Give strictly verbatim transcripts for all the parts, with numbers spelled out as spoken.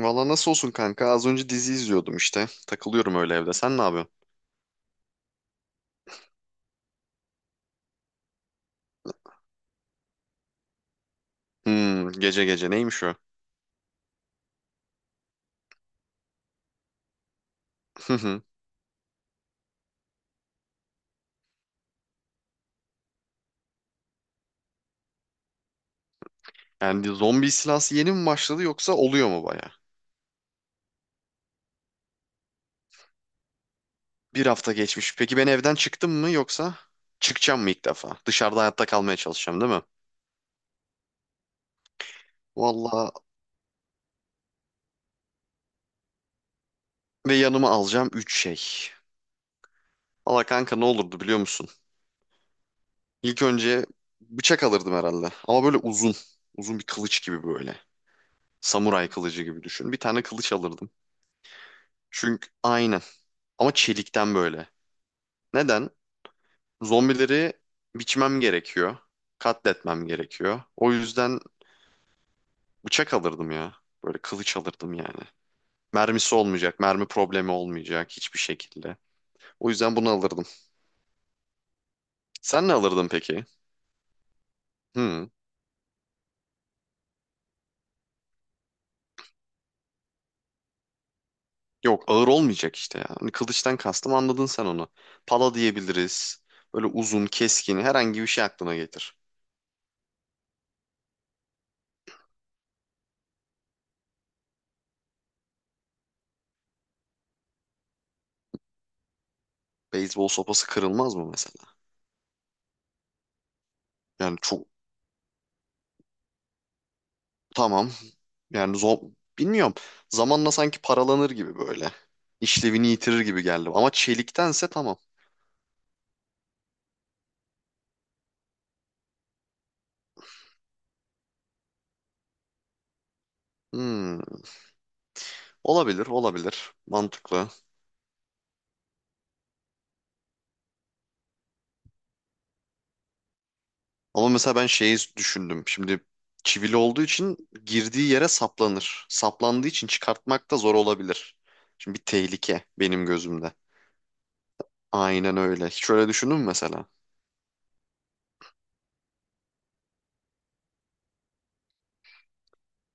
Valla nasıl olsun kanka? Az önce dizi izliyordum işte. Takılıyorum öyle evde. Sen ne yapıyorsun? Hmm, gece gece neymiş o? Hı hı. Yani zombi istilası yeni mi başladı yoksa oluyor mu baya? Bir hafta geçmiş. Peki ben evden çıktım mı yoksa çıkacağım mı ilk defa? Dışarıda hayatta kalmaya çalışacağım değil mi? Valla ve yanıma alacağım üç şey. Valla kanka ne olurdu biliyor musun? İlk önce bıçak alırdım herhalde. Ama böyle uzun. Uzun bir kılıç gibi böyle. Samuray kılıcı gibi düşün. Bir tane kılıç alırdım. Çünkü aynen. Ama çelikten böyle. Neden? Zombileri biçmem gerekiyor. Katletmem gerekiyor. O yüzden bıçak alırdım ya. Böyle kılıç alırdım yani. Mermisi olmayacak, mermi problemi olmayacak hiçbir şekilde. O yüzden bunu alırdım. Sen ne alırdın peki? Hmm. Yok ağır olmayacak işte ya. Hani kılıçtan kastım anladın sen onu. Pala diyebiliriz. Böyle uzun, keskin herhangi bir şey aklına getir. Beyzbol sopası kırılmaz mı mesela? Yani çok, tamam. Yani zor, bilmiyorum. Zamanla sanki paralanır gibi böyle. İşlevini yitirir gibi geldi. Ama çeliktense tamam. Hmm, olabilir, olabilir. Mantıklı. Ama mesela ben şeyi düşündüm. Şimdi çivili olduğu için girdiği yere saplanır. Saplandığı için çıkartmak da zor olabilir. Şimdi bir tehlike benim gözümde. Aynen öyle. Hiç öyle düşündün mü mesela?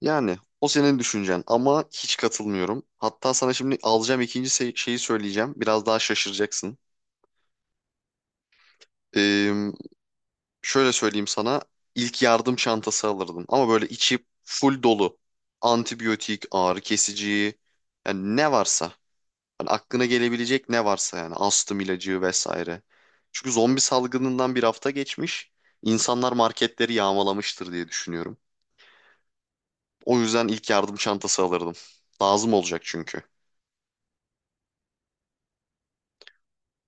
Yani o senin düşüncen ama hiç katılmıyorum. Hatta sana şimdi alacağım ikinci se- şeyi söyleyeceğim. Biraz daha şaşıracaksın. şöyle söyleyeyim sana, ilk yardım çantası alırdım ama böyle içi full dolu. Antibiyotik, ağrı kesici, yani ne varsa. Hani aklına gelebilecek ne varsa, yani astım ilacı vesaire. Çünkü zombi salgınından bir hafta geçmiş. İnsanlar marketleri yağmalamıştır diye düşünüyorum. O yüzden ilk yardım çantası alırdım. Lazım olacak çünkü.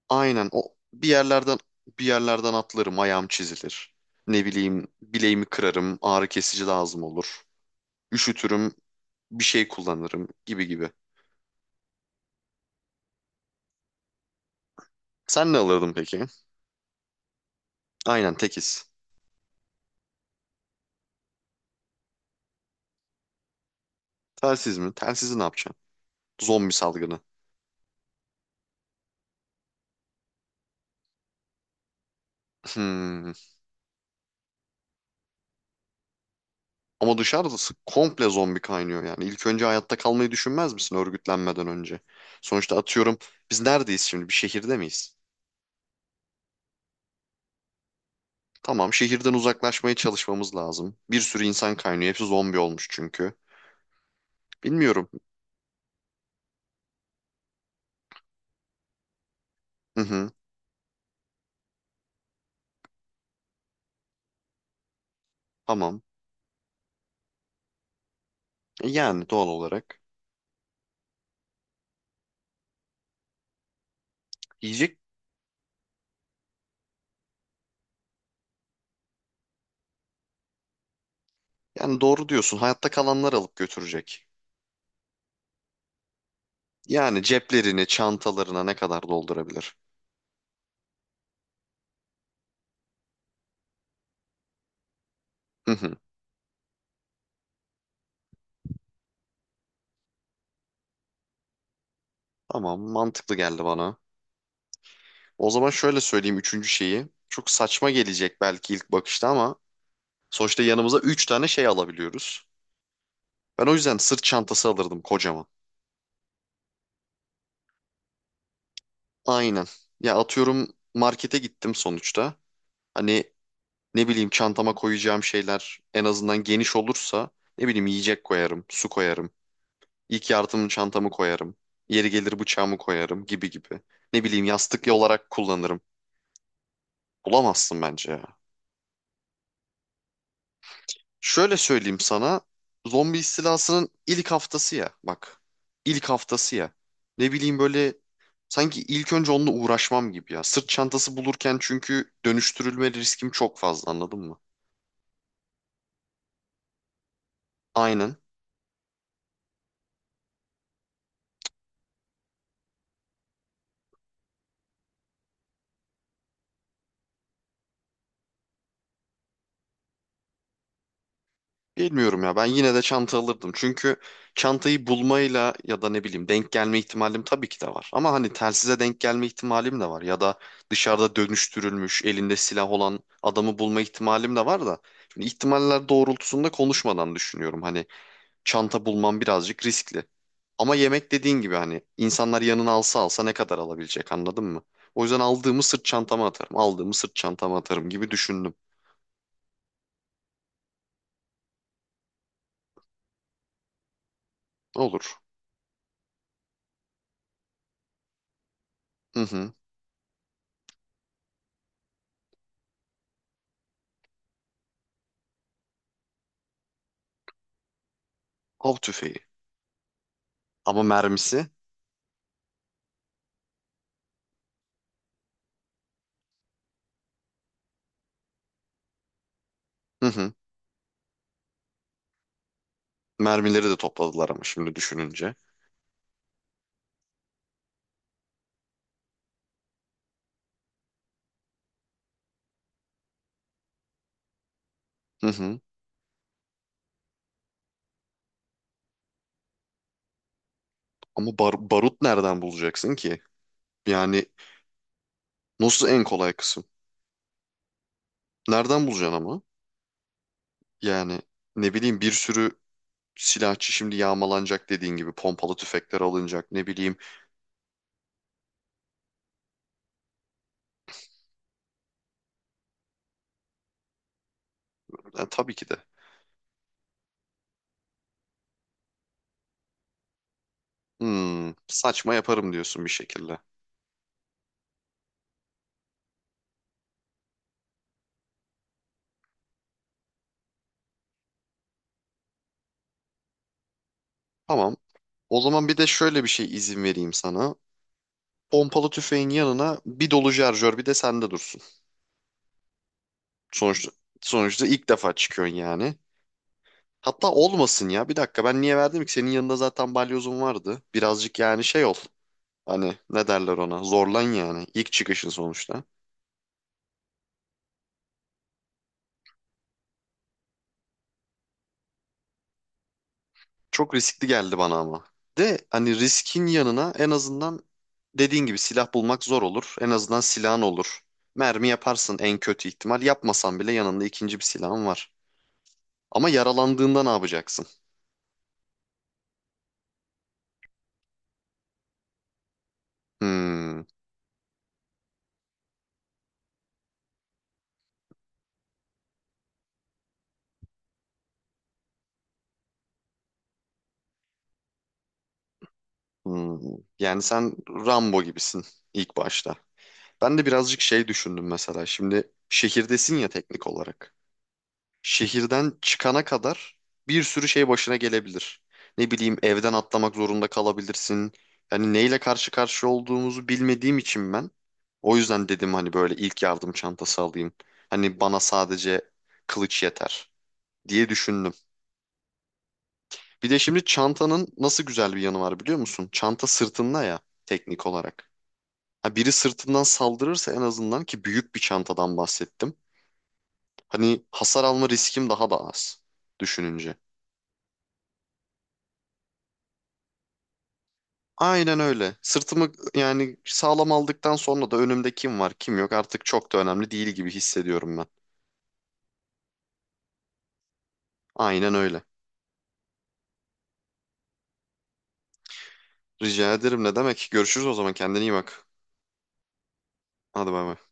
Aynen, o bir yerlerden bir yerlerden atlarım, ayağım çizilir. Ne bileyim bileğimi kırarım, ağrı kesici lazım olur. Üşütürüm, bir şey kullanırım gibi gibi. Sen ne alırdın peki? Aynen tekiz. Telsiz mi? Telsizi ne yapacaksın? Zombi salgını. Hmm. Ama dışarıda komple zombi kaynıyor yani. İlk önce hayatta kalmayı düşünmez misin örgütlenmeden önce? Sonuçta atıyorum, biz neredeyiz şimdi? Bir şehirde miyiz? Tamam, şehirden uzaklaşmaya çalışmamız lazım. Bir sürü insan kaynıyor. Hepsi zombi olmuş çünkü. Bilmiyorum. Hı hı. Tamam. E, yani doğal olarak. Yiyecek, yani doğru diyorsun. Hayatta kalanlar alıp götürecek. Yani ceplerini, çantalarına ne kadar doldurabilir? Hı hı. Tamam, mantıklı geldi bana. O zaman şöyle söyleyeyim üçüncü şeyi. Çok saçma gelecek belki ilk bakışta ama sonuçta yanımıza üç tane şey alabiliyoruz. Ben o yüzden sırt çantası alırdım, kocaman. Aynen. Ya atıyorum, markete gittim sonuçta. Hani ne bileyim, çantama koyacağım şeyler en azından geniş olursa ne bileyim yiyecek koyarım, su koyarım, ilk yardım çantamı koyarım, yeri gelir bıçağımı koyarım gibi gibi. Ne bileyim, yastık olarak kullanırım. Bulamazsın bence ya. Şöyle söyleyeyim sana. Zombi istilasının ilk haftası ya. Bak. İlk haftası ya. Ne bileyim böyle, sanki ilk önce onunla uğraşmam gibi ya. Sırt çantası bulurken çünkü dönüştürülme riskim çok fazla, anladın mı? Aynen. Bilmiyorum ya, ben yine de çanta alırdım. Çünkü çantayı bulmayla ya da ne bileyim denk gelme ihtimalim tabii ki de var. Ama hani telsize denk gelme ihtimalim de var. Ya da dışarıda dönüştürülmüş elinde silah olan adamı bulma ihtimalim de var da. Şimdi ihtimaller doğrultusunda konuşmadan düşünüyorum. Hani çanta bulmam birazcık riskli. Ama yemek, dediğin gibi hani, insanlar yanına alsa alsa ne kadar alabilecek anladın mı? O yüzden aldığımı sırt çantama atarım. Aldığımı sırt çantama atarım gibi düşündüm. Olur. Hı hı. Av tüfeği. Ama mermisi? Hı hı. Mermileri de topladılar ama şimdi düşününce. Hı hı. Ama bar- barut nereden bulacaksın ki? Yani nasıl en kolay kısım? Nereden bulacaksın ama? Yani ne bileyim bir sürü silahçı şimdi yağmalanacak dediğin gibi, pompalı tüfekler alınacak ne bileyim. E, tabii ki de. Hmm, saçma yaparım diyorsun bir şekilde. Tamam. O zaman bir de şöyle bir şey izin vereyim sana. Pompalı tüfeğin yanına bir dolu şarjör bir de sende dursun. Sonuçta sonuçta ilk defa çıkıyorsun yani. Hatta olmasın ya. Bir dakika, ben niye verdim ki? Senin yanında zaten balyozun vardı. Birazcık yani şey ol. Hani ne derler ona? Zorlan yani. İlk çıkışın sonuçta. Çok riskli geldi bana ama. De hani, riskin yanına en azından dediğin gibi silah bulmak zor olur. En azından silahın olur. Mermi yaparsın en kötü ihtimal. Yapmasan bile yanında ikinci bir silahın var. Ama yaralandığında ne yapacaksın? Hmm, hmm. Yani sen Rambo gibisin ilk başta. Ben de birazcık şey düşündüm mesela. Şimdi şehirdesin ya teknik olarak. Şehirden çıkana kadar bir sürü şey başına gelebilir. Ne bileyim evden atlamak zorunda kalabilirsin. Yani neyle karşı karşıya olduğumuzu bilmediğim için ben. O yüzden dedim hani böyle ilk yardım çantası alayım. Hani bana sadece kılıç yeter diye düşündüm. Bir de şimdi çantanın nasıl güzel bir yanı var biliyor musun? Çanta sırtında ya teknik olarak. Ha, biri sırtından saldırırsa en azından, ki büyük bir çantadan bahsettim, hani hasar alma riskim daha da az düşününce. Aynen öyle. Sırtımı yani sağlam aldıktan sonra da önümde kim var kim yok artık çok da önemli değil gibi hissediyorum ben. Aynen öyle. Rica ederim ne demek. Görüşürüz o zaman, kendine iyi bak. Hadi bay bay.